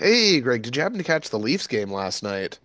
Hey, Greg, did you happen to catch the Leafs game last night?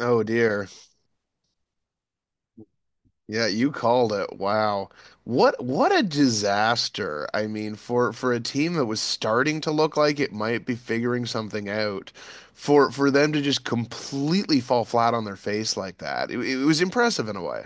Oh dear. Yeah, you called it. Wow. What a disaster. I mean, for a team that was starting to look like it might be figuring something out, for them to just completely fall flat on their face like that. It was impressive in a way.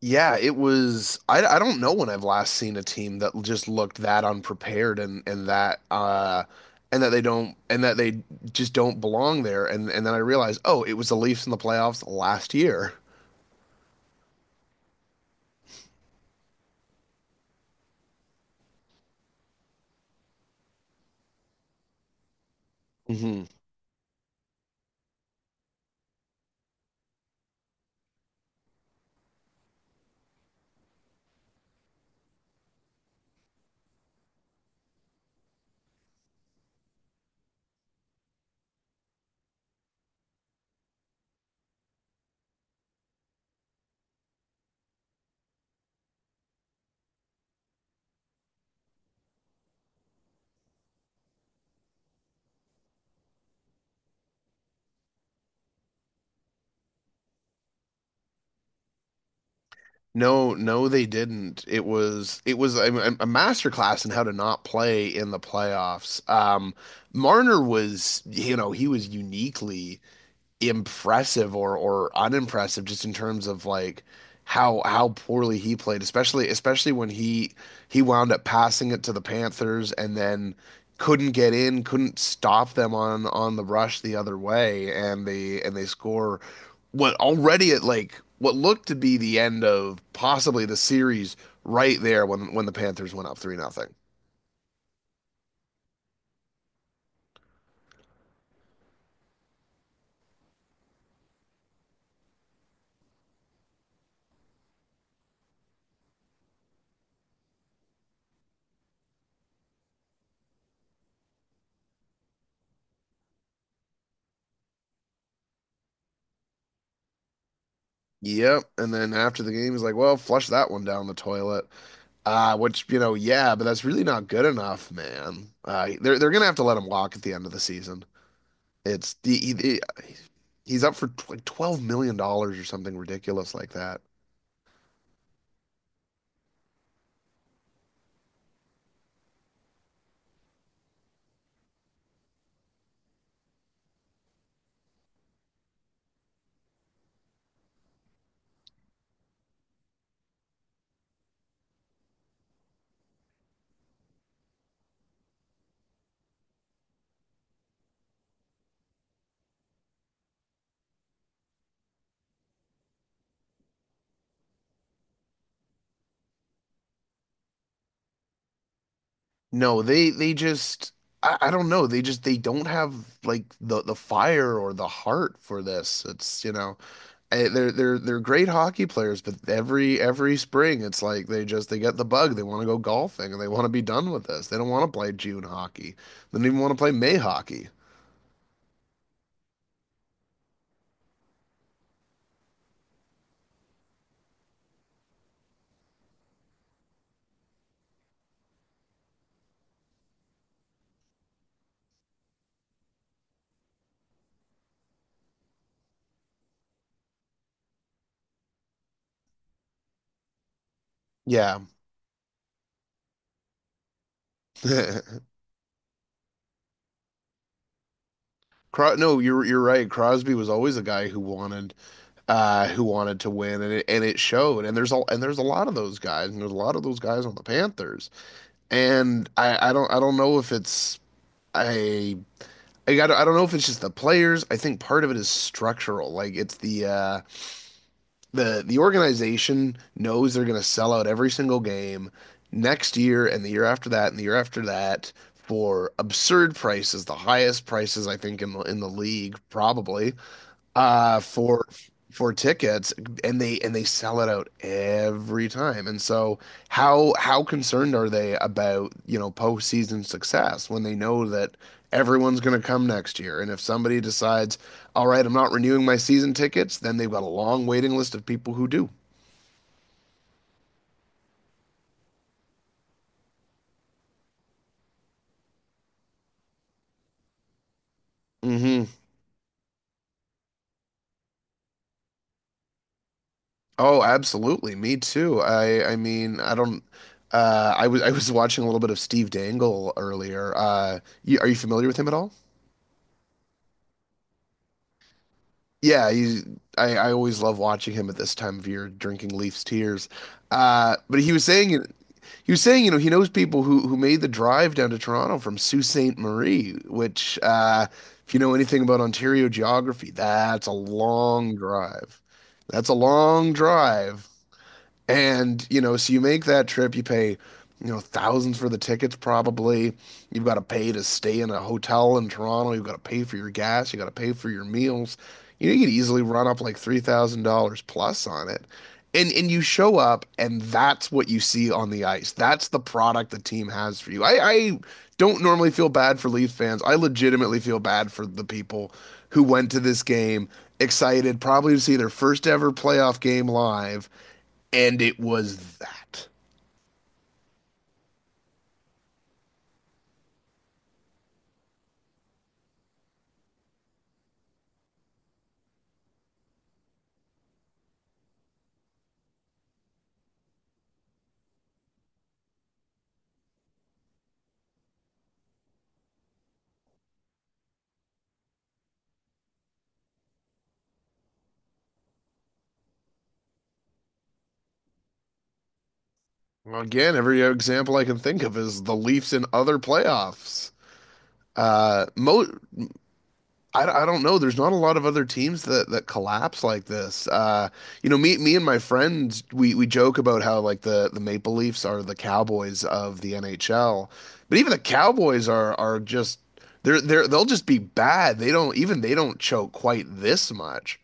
Yeah, it was. I don't know when I've last seen a team that just looked that unprepared and and that they don't and that they just don't belong there. And then I realized, oh, it was the Leafs in the playoffs last year. Hmm No, no, they didn't. It was a master class in how to not play in the playoffs. Marner was, you know, he was uniquely impressive or unimpressive just in terms of like how poorly he played, especially when he wound up passing it to the Panthers and then couldn't get in, couldn't stop them on the rush the other way, and they score what already at like what looked to be the end of possibly the series right there when the Panthers went up three nothing. Yep, and then after the game, he's like, "Well, flush that one down the toilet." Which, you know, yeah, but that's really not good enough, man. They're gonna have to let him walk at the end of the season. It's he's up for like 12 million dollars or something ridiculous like that. No, they just I don't know. They just they don't have like the fire or the heart for this. It's, you know, eh, they're great hockey players, but every spring it's like they just they get the bug. They want to go golfing and they want to be done with this. They don't want to play June hockey. They don't even want to play May hockey. Yeah. No, you're right. Crosby was always a guy who wanted to win and it showed. And there's a lot of those guys and there's a lot of those guys on the Panthers. And I don't know if it's I I got I don't know if it's just the players. I think part of it is structural. Like it's the organization knows they're going to sell out every single game next year and the year after that and the year after that for absurd prices, the highest prices I think in the league probably uh for for tickets and they sell it out every time. And so how concerned are they about, you know, postseason success when they know that everyone's going to come next year? And if somebody decides, "All right, I'm not renewing my season tickets," then they've got a long waiting list of people who do. Hmm Oh, absolutely. Me too. I mean, I don't I was watching a little bit of Steve Dangle earlier. You, are you familiar with him at all? Yeah, he's, I always love watching him at this time of year drinking Leafs tears. But he was saying, you know, he knows people who made the drive down to Toronto from Sault Ste. Marie, which if you know anything about Ontario geography, that's a long drive. That's a long drive. And, you know, so you make that trip, you pay, you know, thousands for the tickets probably. You've got to pay to stay in a hotel in Toronto. You've got to pay for your gas. You got to pay for your meals. You know, you could easily run up like $3,000 plus on it. And you show up and that's what you see on the ice. That's the product the team has for you. I don't normally feel bad for Leaf fans. I legitimately feel bad for the people who went to this game excited, probably to see their first ever playoff game live and it was that. Again, every example I can think of is the Leafs in other playoffs. Uh, mo- I don't know. There's not a lot of other teams that that collapse like this. You know, me and my friends we joke about how like the Maple Leafs are the Cowboys of the NHL, but even the Cowboys are just they're they'll just be bad. They don't even they don't choke quite this much.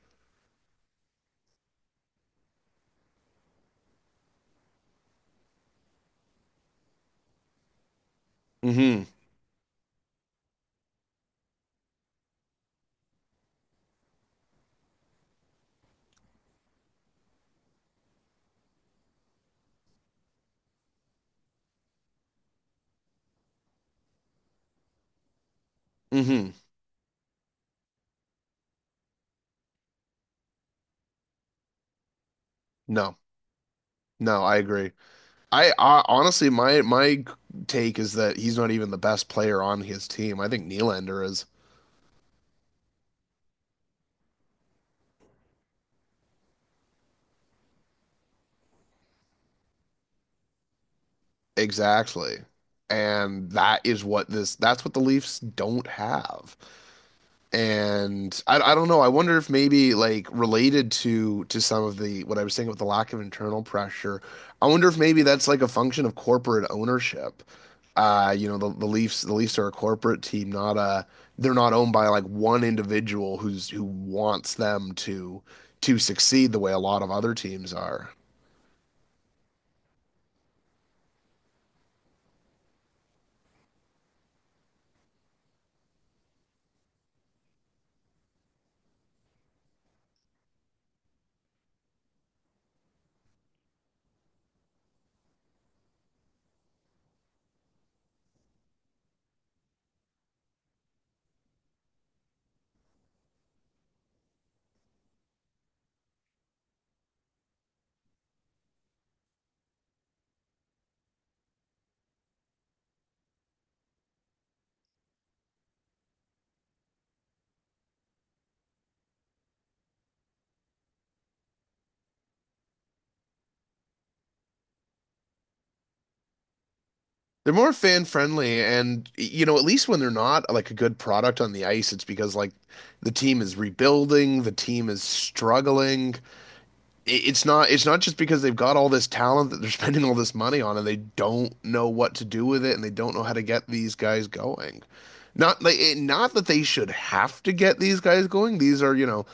Mm-hmm. Mm-hmm. No, no, I agree. I honestly, my take is that he's not even the best player on his team. I think Nylander is. Exactly. And that is what this, that's what the Leafs don't have. And I don't know. I wonder if maybe like related to some of the what I was saying with the lack of internal pressure. I wonder if maybe that's like a function of corporate ownership. You know, the, the Leafs are a corporate team, not a they're not owned by like one individual who's who wants them to succeed the way a lot of other teams are. They're more fan friendly and you know, at least when they're not like a good product on the ice, it's because like the team is rebuilding, the team is struggling. It's not it's not just because they've got all this talent that they're spending all this money on and they don't know what to do with it and they don't know how to get these guys going. Not like not that they should have to get these guys going. These are, you know,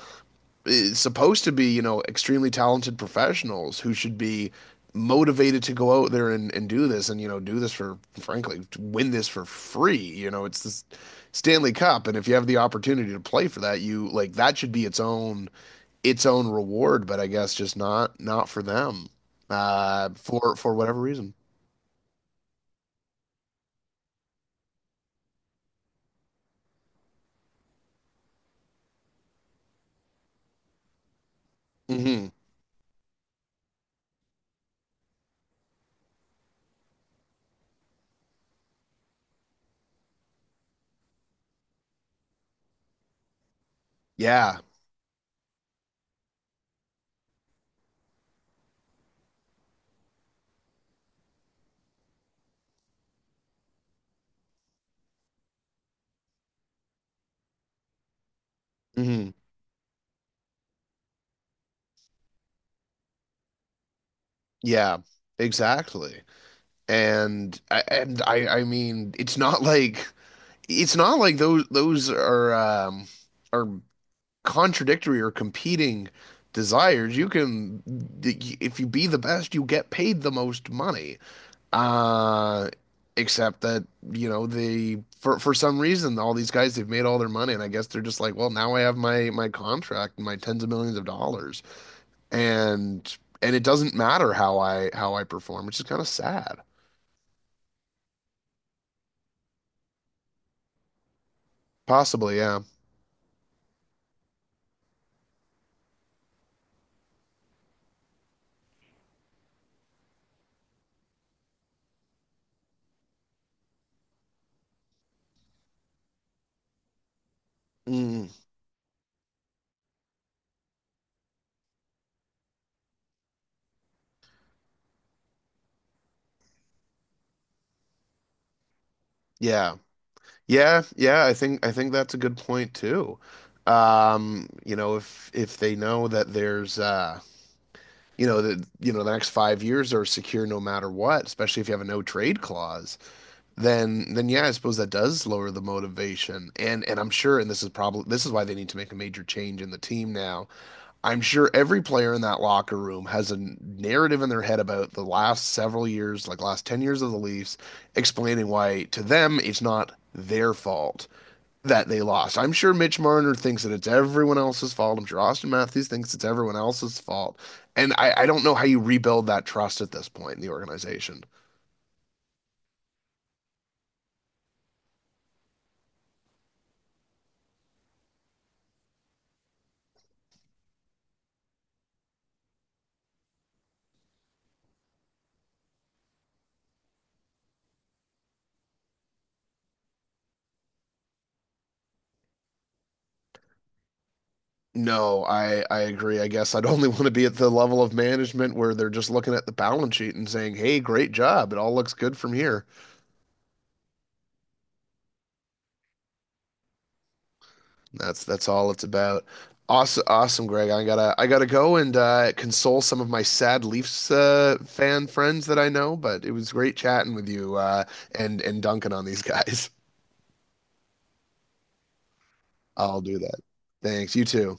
eh, supposed to be, you know, extremely talented professionals who should be motivated to go out there and do this and, you know, do this for, frankly, win this for free. You know, it's this Stanley Cup. And if you have the opportunity to play for that, you like that should be its own reward, but I guess just not not for them. For whatever reason. Hmm Yeah. hmm Yeah. Exactly. And I mean, it's not like those are contradictory or competing desires. You can if you be the best, you get paid the most money. Uh, except that, you know, the for some reason all these guys they've made all their money and I guess they're just like, well, now I have my my contract and my tens of millions of dollars. And and it doesn't matter how I perform, which is kind of sad. Possibly, yeah. Mm, yeah. Yeah, yeah, I think that's a good point too. You know, if they know that there's you know that you know the next 5 years are secure no matter what, especially if you have a no trade clause then yeah, I suppose that does lower the motivation. And I'm sure, and this is probably this is why they need to make a major change in the team now. I'm sure every player in that locker room has a narrative in their head about the last several years, like last 10 years of the Leafs, explaining why to them it's not their fault that they lost. I'm sure Mitch Marner thinks that it's everyone else's fault. I'm sure Austin Matthews thinks it's everyone else's fault. And I don't know how you rebuild that trust at this point in the organization. No, I agree. I guess I'd only want to be at the level of management where they're just looking at the balance sheet and saying, "Hey, great job. It all looks good from here." That's all it's about. Awesome, awesome, Greg. I gotta go and console some of my sad Leafs fan friends that I know. But it was great chatting with you and dunking on these guys. I'll do that. Thanks. You too.